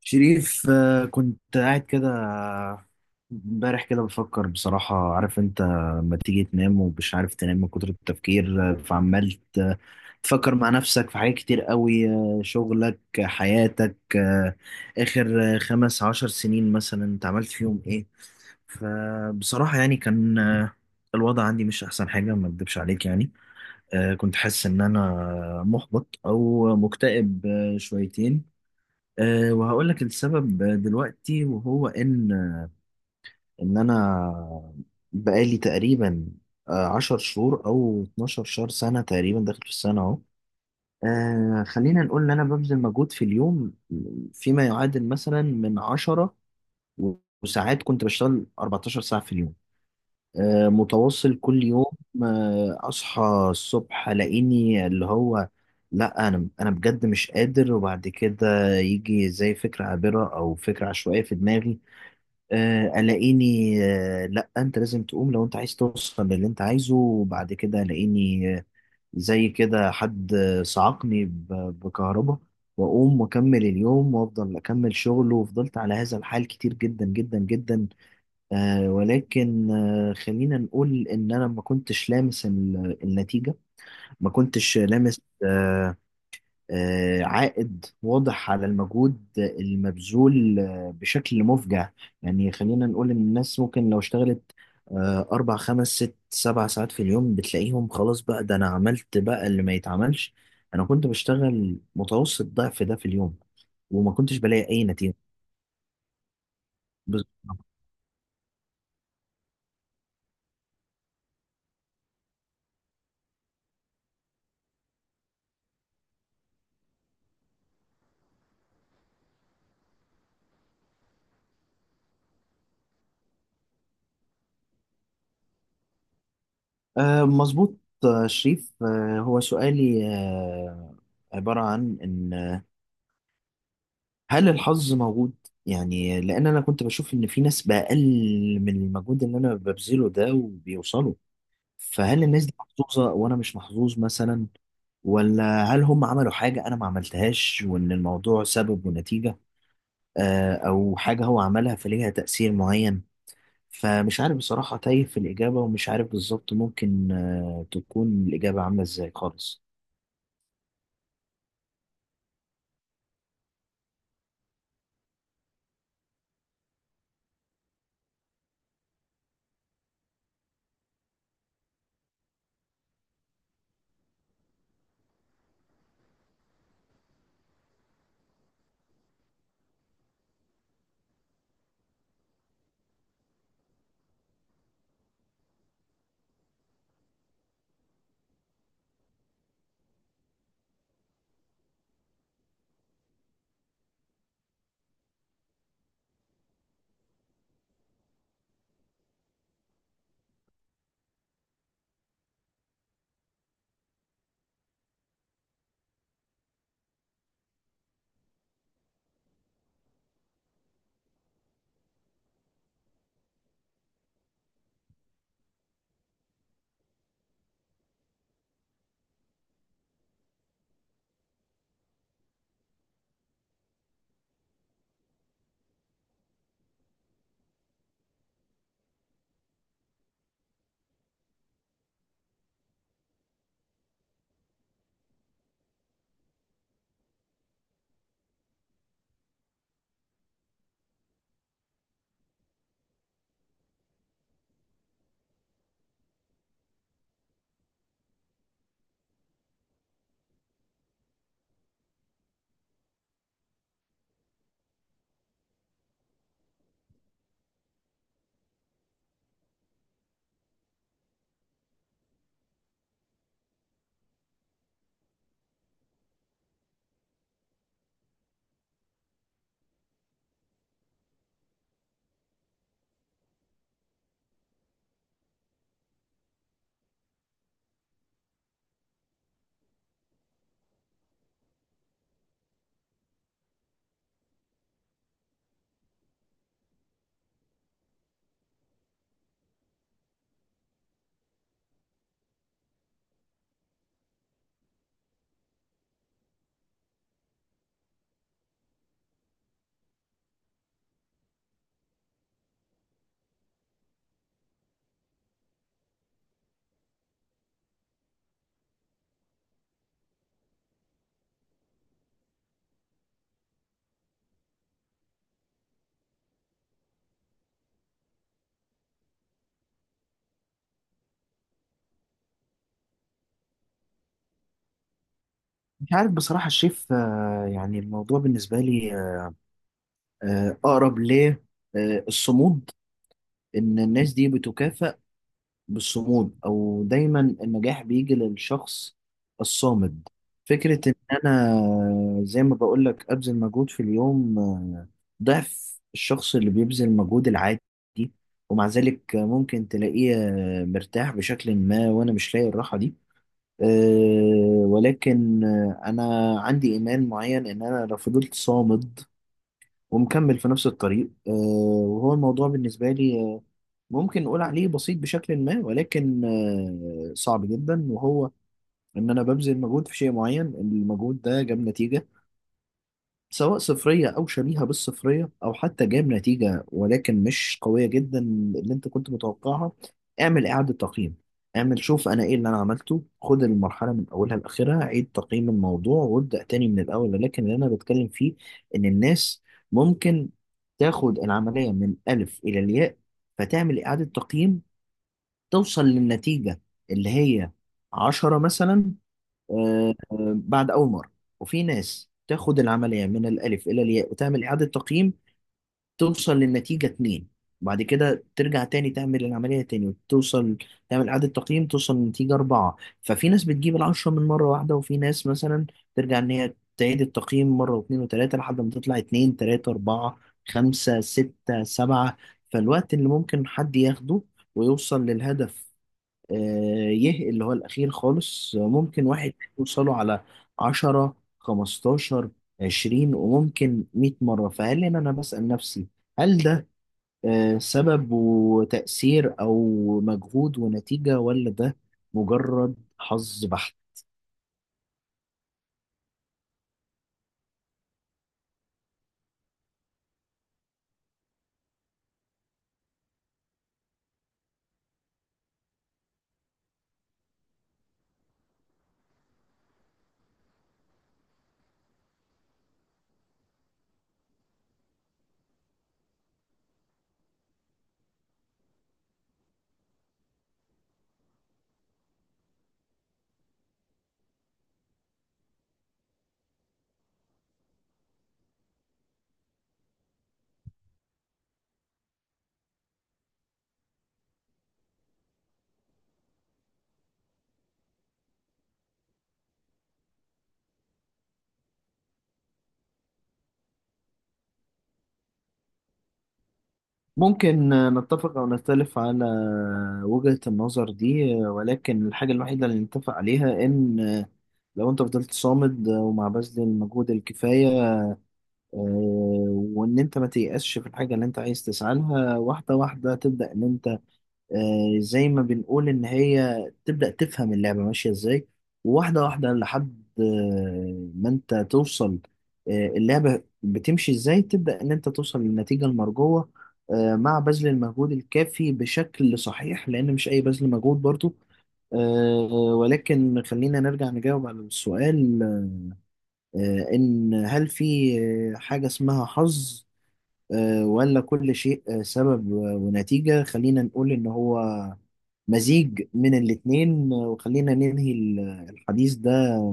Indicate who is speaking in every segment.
Speaker 1: شريف، كنت قاعد كده امبارح كده بفكر بصراحة، عارف انت لما تيجي تنام ومش عارف تنام من كتر التفكير، فعمال تفكر مع نفسك في حاجات كتير قوي، شغلك، حياتك، آخر 15 سنين مثلا انت عملت فيهم ايه. فبصراحة يعني كان الوضع عندي مش أحسن حاجة، ما أكدبش عليك يعني. كنت حاسس إن أنا محبط أو مكتئب شويتين. أه وهقول لك السبب دلوقتي، وهو ان انا بقالي تقريبا 10 شهور او 12 شهر، سنه تقريبا داخل في السنه اهو. أه خلينا نقول ان انا ببذل مجهود في اليوم فيما يعادل مثلا من 10، وساعات كنت بشتغل 14 ساعه في اليوم، متواصل كل يوم. اصحى الصبح الاقيني اللي هو لا، انا بجد مش قادر. وبعد كده يجي زي فكره عابره او فكره عشوائيه في دماغي، الاقيني، لا انت لازم تقوم لو انت عايز توصل للي انت عايزه. وبعد كده الاقيني زي كده حد صعقني بكهرباء، واقوم واكمل اليوم وافضل اكمل شغل. وفضلت على هذا الحال كتير جدا جدا جدا، ولكن خلينا نقول ان انا ما كنتش لامس النتيجة. ما كنتش لامس عائد واضح على المجهود المبذول بشكل مفجع. يعني خلينا نقول ان الناس ممكن لو اشتغلت اربع خمس ست سبع ساعات في اليوم بتلاقيهم خلاص، بقى ده انا عملت بقى اللي ما يتعملش. انا كنت بشتغل متوسط ضعف ده في اليوم وما كنتش بلاقي اي نتيجة. بالظبط. مظبوط. شريف، هو سؤالي عبارة عن إن هل الحظ موجود؟ يعني لأن أنا كنت بشوف إن في ناس بأقل من المجهود اللي أنا ببذله ده وبيوصلوا. فهل الناس دي محظوظة وأنا مش محظوظ مثلا؟ ولا هل هم عملوا حاجة أنا ما عملتهاش، وإن الموضوع سبب ونتيجة، أو حاجة هو عملها فليها تأثير معين؟ فمش عارف بصراحة، تايه في الإجابة ومش عارف بالظبط ممكن تكون الإجابة عاملة إزاي خالص. مش عارف بصراحة الشيف، يعني الموضوع بالنسبة لي أقرب للصمود. إن الناس دي بتكافأ بالصمود، أو دايما النجاح بيجي للشخص الصامد. فكرة إن أنا، زي ما بقولك، أبذل مجهود في اليوم ضعف الشخص اللي بيبذل مجهود العادي، ومع ذلك ممكن تلاقيه مرتاح بشكل ما، وأنا مش لاقي الراحة دي. أه ولكن أنا عندي إيمان معين إن أنا لو فضلت صامد ومكمل في نفس الطريق، أه. وهو الموضوع بالنسبة لي ممكن نقول عليه بسيط بشكل ما، ولكن أه صعب جدا. وهو إن أنا ببذل مجهود في شيء معين، المجهود ده جاب نتيجة سواء صفرية أو شبيهة بالصفرية، أو حتى جايب نتيجة ولكن مش قوية جدا اللي أنت كنت متوقعها. اعمل إعادة تقييم، اعمل شوف أنا إيه اللي أنا عملته، خد المرحلة من أولها لآخرها عيد تقييم الموضوع وابدأ تاني من الأول. ولكن اللي أنا بتكلم فيه إن الناس ممكن تاخد العملية من ألف إلى الياء فتعمل إعادة تقييم توصل للنتيجة اللي هي عشرة مثلا، آه، بعد أول مرة. وفي ناس تاخد العملية من الألف إلى الياء وتعمل إعادة تقييم توصل للنتيجة اتنين، بعد كده ترجع تاني تعمل العملية تاني وتوصل، تعمل إعادة تقييم توصل لنتيجة أربعة. ففي ناس بتجيب العشرة من مرة واحدة، وفي ناس مثلا ترجع إن هي تعيد التقييم مرة واتنين وتلاتة لحد ما تطلع اتنين تلاتة أربعة خمسة ستة سبعة. فالوقت اللي ممكن حد ياخده ويوصل للهدف آه، يه اللي هو الأخير خالص، ممكن واحد يوصله على عشرة خمستاشر عشرين، وممكن 100 مرة. فهل هنا أنا بسأل نفسي، هل ده سبب وتأثير أو مجهود ونتيجة، ولا ده مجرد حظ بحت؟ ممكن نتفق أو نختلف على وجهة النظر دي، ولكن الحاجة الوحيدة اللي نتفق عليها إن لو أنت فضلت صامد، وما بذل المجهود الكفاية، آه، وان انت ما تيأسش في الحاجه اللي انت عايز تسعى لها، واحده واحده تبدا ان انت زي ما بنقول ان هي تبدا تفهم اللعبه ماشيه ازاي. وواحده واحده لحد ما انت توصل اللعبه بتمشي ازاي، تبدا ان انت توصل للنتيجه المرجوه مع بذل المجهود الكافي بشكل صحيح، لان مش اي بذل مجهود برضو، آه، ولكن خلينا نرجع نجاوب على السؤال إن هل في حاجة اسمها حظ، ولا كل شيء سبب ونتيجة؟ خلينا نقول إن هو مزيج من الاتنين، وخلينا ننهي الحديث ده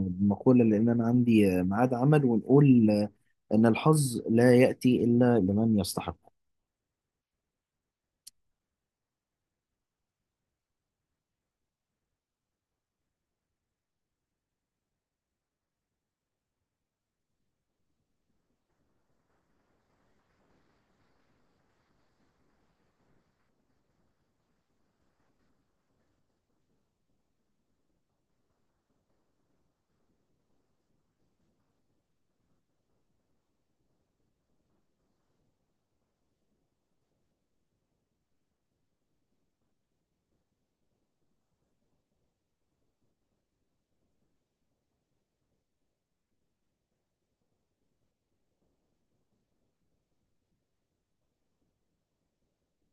Speaker 1: بمقولة، لأن أنا عندي ميعاد عمل، ونقول إن الحظ لا يأتي إلا لمن يستحق.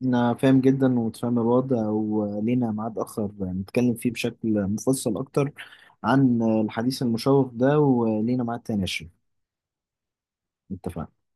Speaker 1: أنا فاهم جدا ومتفاهم الوضع، ولينا ميعاد آخر نتكلم فيه بشكل مفصل أكتر عن الحديث المشوق ده. ولينا ميعاد تاني يا شريف. اتفقنا.